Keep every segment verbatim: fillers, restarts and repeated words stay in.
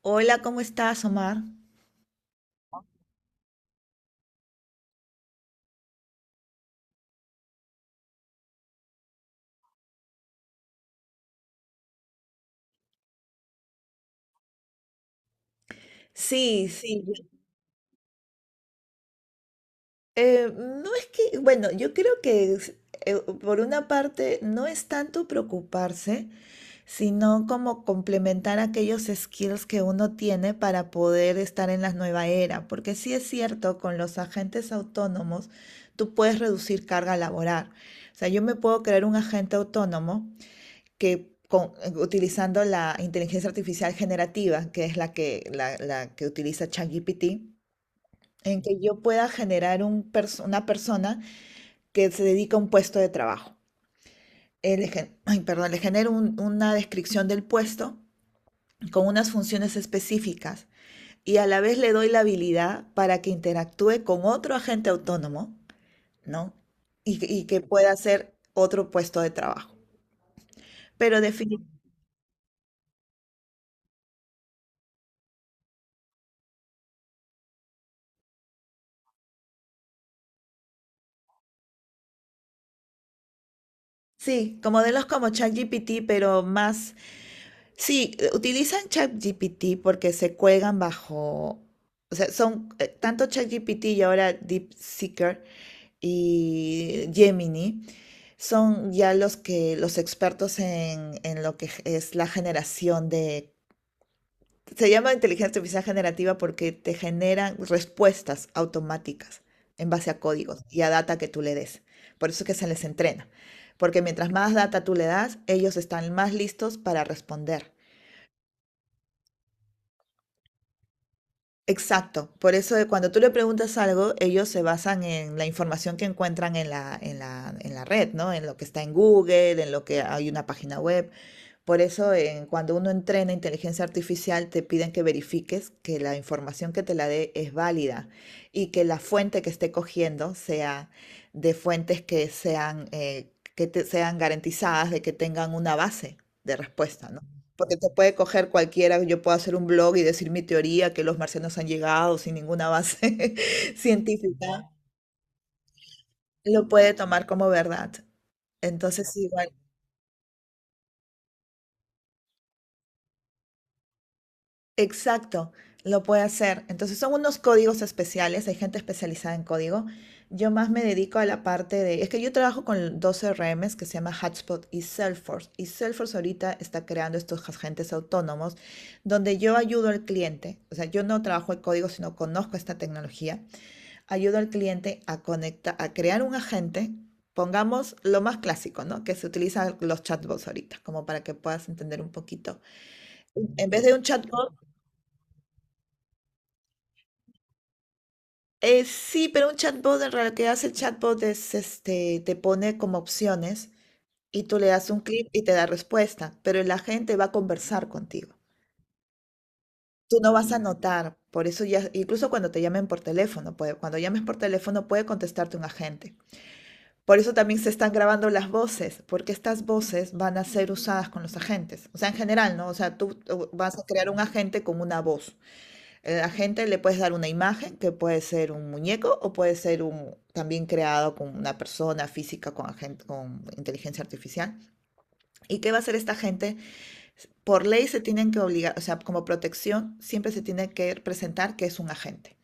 Hola, ¿cómo estás, Omar? Sí, sí. Eh, no es que, bueno, yo creo que es, eh, por una parte no es tanto preocuparse, sino como complementar aquellos skills que uno tiene para poder estar en la nueva era, porque sí es cierto, con los agentes autónomos tú puedes reducir carga laboral. O sea, yo me puedo crear un agente autónomo que con- eh, utilizando la inteligencia artificial generativa, que es la que, la, la que utiliza ChatGPT, en que yo pueda generar un perso- una persona que se dedica a un puesto de trabajo. Eh, le gen- ay, perdón, le genero un- una descripción del puesto con unas funciones específicas y a la vez le doy la habilidad para que interactúe con otro agente autónomo, ¿no? Y, que y que pueda hacer otro puesto de trabajo. Pero definitivamente, sí, como de los como ChatGPT, pero más. Sí, eh, utilizan ChatGPT porque se cuelgan bajo, o sea, son eh, tanto ChatGPT y ahora DeepSeeker y Gemini son ya los que los expertos en, en lo que g- es la generación de, se llama inteligencia artificial generativa porque te generan respuestas automáticas en base a códigos y a data que tú le des. Por eso es que se les entrena, porque mientras más data tú le das, ellos están más listos para responder. Exacto, por eso de cuando tú le preguntas algo, ellos se basan en la información que encuentran en la, en la, en la red, ¿no? En lo que está en Google, en lo que hay una página web. Por eso, eh, cuando uno entrena inteligencia artificial, te piden que verifiques que la información que te la dé es válida y que la fuente que esté cogiendo sea de fuentes que sean, eh, que te- sean garantizadas de que tengan una base de respuesta, ¿no? Porque te puede coger cualquiera, yo puedo hacer un blog y decir mi teoría, que los marcianos han llegado sin ninguna base científica, lo puede tomar como verdad. Entonces, igual. Exacto, lo puede hacer. Entonces son unos códigos especiales, hay gente especializada en código. Yo más me dedico a la parte de, es que yo trabajo con dos C R Ms que se llama Hotspot y Salesforce. Y Salesforce ahorita está creando estos agentes autónomos donde yo ayudo al cliente, o sea, yo no trabajo el código, sino conozco esta tecnología, ayudo al cliente a conectar, a crear un agente. Pongamos lo más clásico, ¿no? Que se utilizan los chatbots ahorita, como para que puedas entender un poquito. En vez de un chatbot, Eh, sí, pero un chatbot, en realidad, que hace el chatbot es, este, te pone como opciones y tú le das un clic y te da respuesta, pero la gente va a conversar contigo. Tú no vas a notar, por eso ya, incluso cuando te llamen por teléfono, puede- cuando llames por teléfono puede contestarte un agente. Por eso también se están grabando las voces, porque estas voces van a ser usadas con los agentes. O sea, en general, ¿no? O sea, tú tú vas a crear un agente con una voz, eh, a la gente le puedes dar una imagen que puede ser un muñeco o puede ser un, también creado con una persona física con, agente con inteligencia artificial. ¿Y qué va a hacer esta gente? Por ley se tienen que obligar, o sea, como protección siempre se tiene que presentar que es un agente.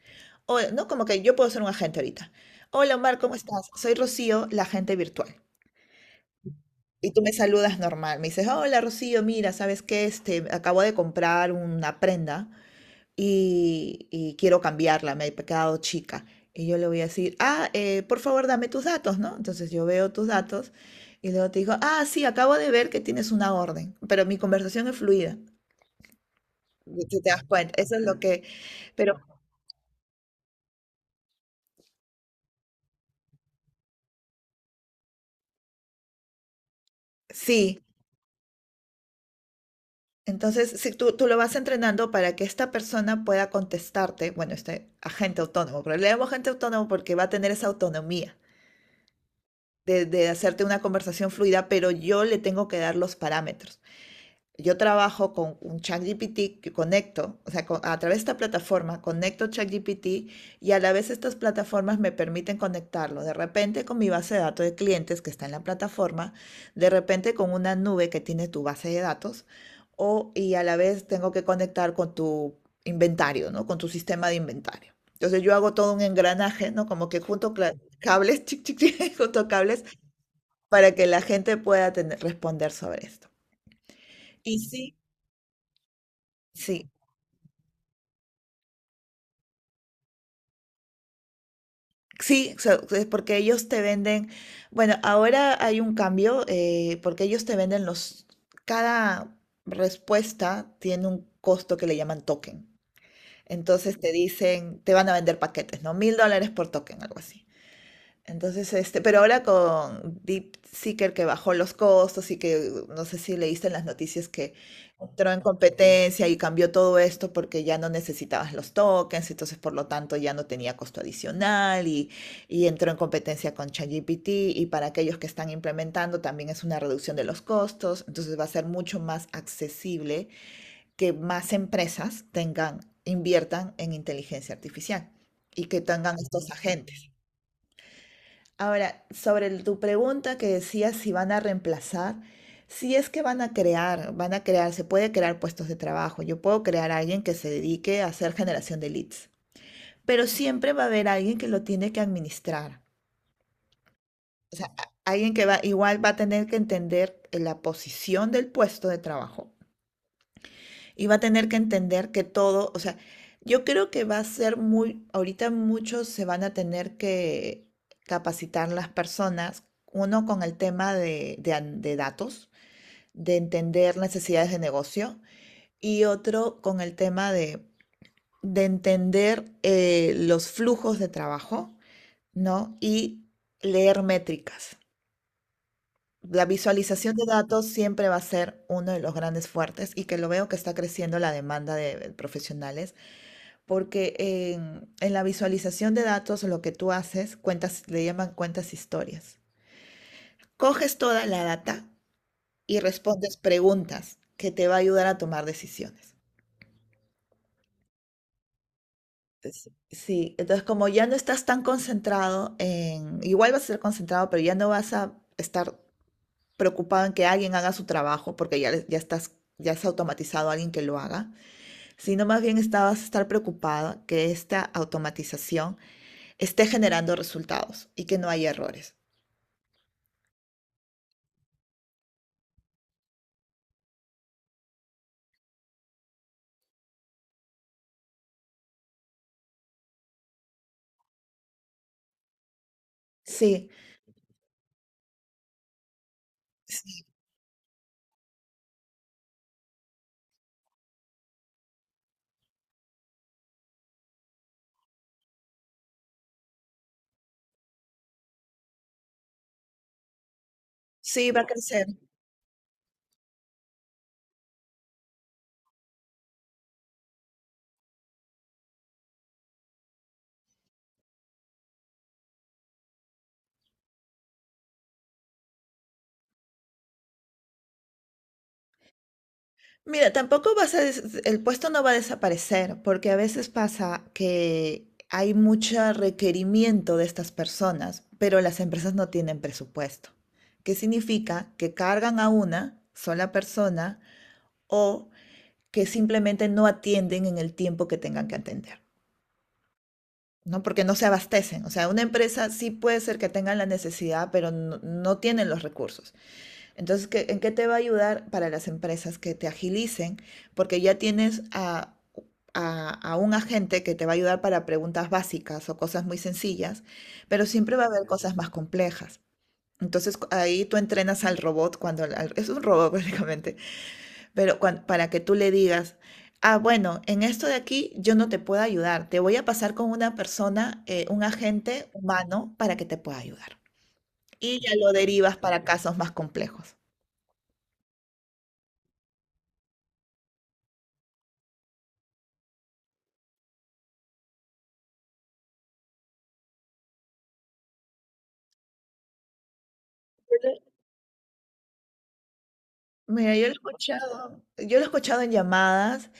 O, no como que yo puedo ser un agente ahorita. Hola Omar, ¿cómo estás? Soy Rocío, la agente virtual. Y tú me saludas normal, me dices, hola Rocío, mira, ¿sabes qué? Este, acabo de comprar una prenda y, y quiero cambiarla, me he quedado chica. Y yo le voy a decir, ah, eh, por favor, dame tus datos, ¿no? Entonces yo veo tus datos y luego te digo, ah, sí, acabo de ver que tienes una orden, pero mi conversación es fluida. Y tú te das cuenta, eso es lo que, pero sí, entonces si tú, tú lo vas entrenando para que esta persona pueda contestarte, bueno, este agente autónomo, pero le llamo agente autónomo porque va a tener esa autonomía de, de hacerte una conversación fluida, pero yo le tengo que dar los parámetros. Yo trabajo con un ChatGPT que conecto, o sea, con- a través de esta plataforma conecto ChatGPT y a la vez estas plataformas me permiten conectarlo de repente con mi base de datos de clientes que está en la plataforma, de repente con una nube que tiene tu base de datos o y a la vez tengo que conectar con tu inventario, ¿no? Con tu sistema de inventario. Entonces yo hago todo un engranaje, ¿no? Como que junto cla- cables, chic, chic, chic, junto cables para que la gente pueda tener- responder sobre esto. Y sí, sí, sí, so- es porque ellos te venden, bueno, ahora hay un cambio, eh, porque ellos te venden los, cada respuesta tiene un costo que le llaman token. Entonces te dicen, te van a vender paquetes, ¿no? Mil dólares por token, algo así. Entonces, este, pero ahora con DeepSeeker que bajó los costos y que uh, no sé si leíste en las noticias que entró en competencia y cambió todo esto porque ya no necesitabas los tokens, entonces por lo tanto ya no tenía costo adicional y, y entró en competencia con ChatGPT y para aquellos que están implementando también es una reducción de los costos, entonces va a ser mucho más accesible que más empresas tengan, inviertan en inteligencia artificial y que tengan estos agentes. Ahora, sobre el- tu pregunta que decías si van a reemplazar, si es que van a crear, van a crear, se puede crear puestos de trabajo. Yo puedo crear a alguien que se dedique a hacer generación de leads, pero siempre va a haber alguien que lo tiene que administrar. O sea, a- alguien que va, igual va a tener que entender la posición del puesto de trabajo. Y va a tener que entender que todo, o sea, yo creo que va a ser muy, ahorita muchos se van a tener que capacitar las personas, uno con el tema de, de an- de datos, de entender necesidades de negocio, y otro con el tema de, de entender eh, los flujos de trabajo, ¿no? Y leer métricas. La visualización de datos siempre va a ser uno de los grandes fuertes y que lo veo que está creciendo la demanda de profesionales. Porque en, en la visualización de datos lo que tú haces, cuentas, le llaman cuentas historias. Coges toda la data y respondes preguntas que te va a ayudar a tomar decisiones. Es- Sí, entonces como ya no estás tan concentrado en, igual vas a ser concentrado, pero ya no vas a estar preocupado en que alguien haga su trabajo, porque ya, le- ya estás, ya has automatizado a alguien que lo haga, sino más bien está- vas a estar preocupado que esta automatización esté generando resultados y que no haya errores. Sí, sí, sí, va a crecer. Mira, tampoco vas a des- el puesto no va a desaparecer, porque a veces pasa que hay mucho requerimiento de estas personas, pero las empresas no tienen presupuesto. ¿Qué significa? Que cargan a una sola persona o que simplemente no atienden en el tiempo que tengan que atender, ¿no? Porque no se abastecen. O sea, una empresa sí puede ser que tengan la necesidad, pero no, no tienen los recursos. Entonces, ¿qué- ¿en qué te va a ayudar para las empresas que te agilicen? Porque ya tienes a, a- a un agente que te va a ayudar para preguntas básicas o cosas muy sencillas, pero siempre va a haber cosas más complejas. Entonces, cu- ahí tú entrenas al robot cuando al- al- es un robot prácticamente, pero cuan- para que tú le digas, ah, bueno, en esto de aquí yo no te puedo ayudar, te voy a pasar con una persona, eh, un agente humano para que te pueda ayudar. Y ya lo derivas para casos más complejos. Mira, yo lo he escuchado, yo lo he escuchado en llamadas.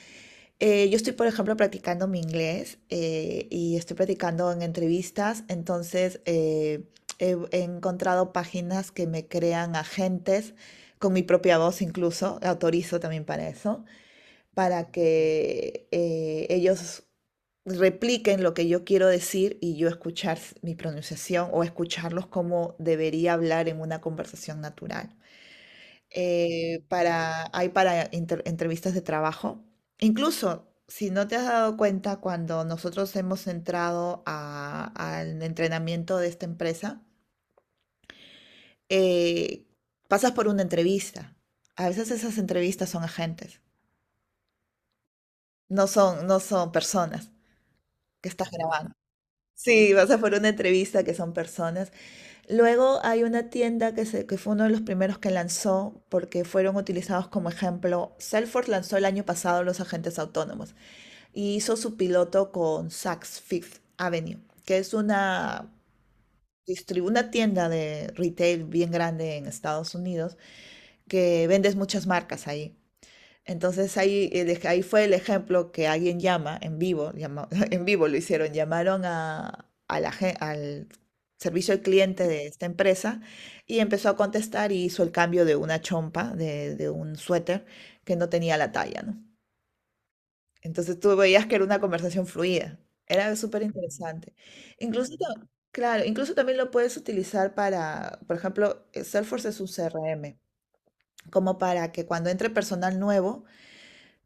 eh, yo estoy, por ejemplo, practicando mi inglés eh, y estoy practicando en entrevistas. Entonces, eh, he, he encontrado páginas que me crean agentes con mi propia voz incluso, autorizo también para eso, para que eh, ellos repliquen lo que yo quiero decir y yo escuchar s- mi pronunciación o escucharlos como debería hablar en una conversación natural, eh, para, hay para inter- entrevistas de trabajo. Incluso, si no te has dado cuenta, cuando nosotros hemos entrado a- al entrenamiento de esta empresa, eh, pasas por una entrevista. A veces esas entrevistas son agentes, no son, no son personas que estás grabando. Sí, pasas por una entrevista que son personas. Luego hay una tienda que, se- que fue uno de los primeros que lanzó porque fueron utilizados como ejemplo. Salesforce lanzó el año pasado los agentes autónomos y hizo su piloto con Saks Fifth Avenue, que es una, distribu- una tienda de retail bien grande en Estados Unidos que vendes muchas marcas ahí. Entonces ahí, el ej- ahí fue el ejemplo que alguien llama en vivo, llama- en vivo lo hicieron, llamaron a, a la gen- al servicio al cliente de esta empresa y empezó a contestar y hizo el cambio de una chompa, de, de un suéter que no tenía la talla, ¿no? Entonces tú veías que era una conversación fluida, era súper interesante. Incluso, ta- claro, incluso también lo puedes utilizar para, por ejemplo, eh, Salesforce es un C R M como para que cuando entre personal nuevo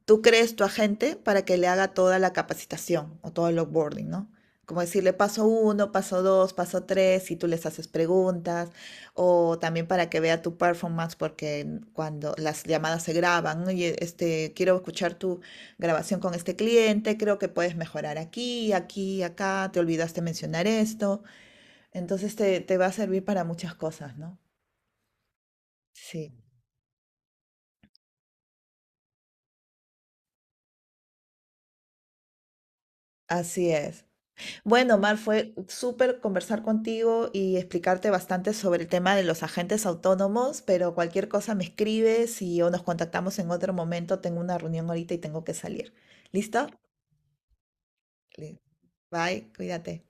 tú crees tu agente para que le haga toda la capacitación o todo el onboarding, ¿no? Como decirle paso uno, paso dos, paso tres, y tú les haces preguntas, o también para que vea tu performance, porque cuando las llamadas se graban, oye, este, quiero escuchar tu grabación con este cliente, creo que puedes mejorar aquí, aquí, acá, te olvidaste mencionar esto. Entonces te, te va a servir para muchas cosas, ¿no? Sí, así es. Bueno, Mar, fue súper conversar contigo y explicarte bastante sobre el tema de los agentes autónomos, pero cualquier cosa me escribes y o nos contactamos en otro momento. Tengo una reunión ahorita y tengo que salir. ¿Listo? Li- Bye, cuídate.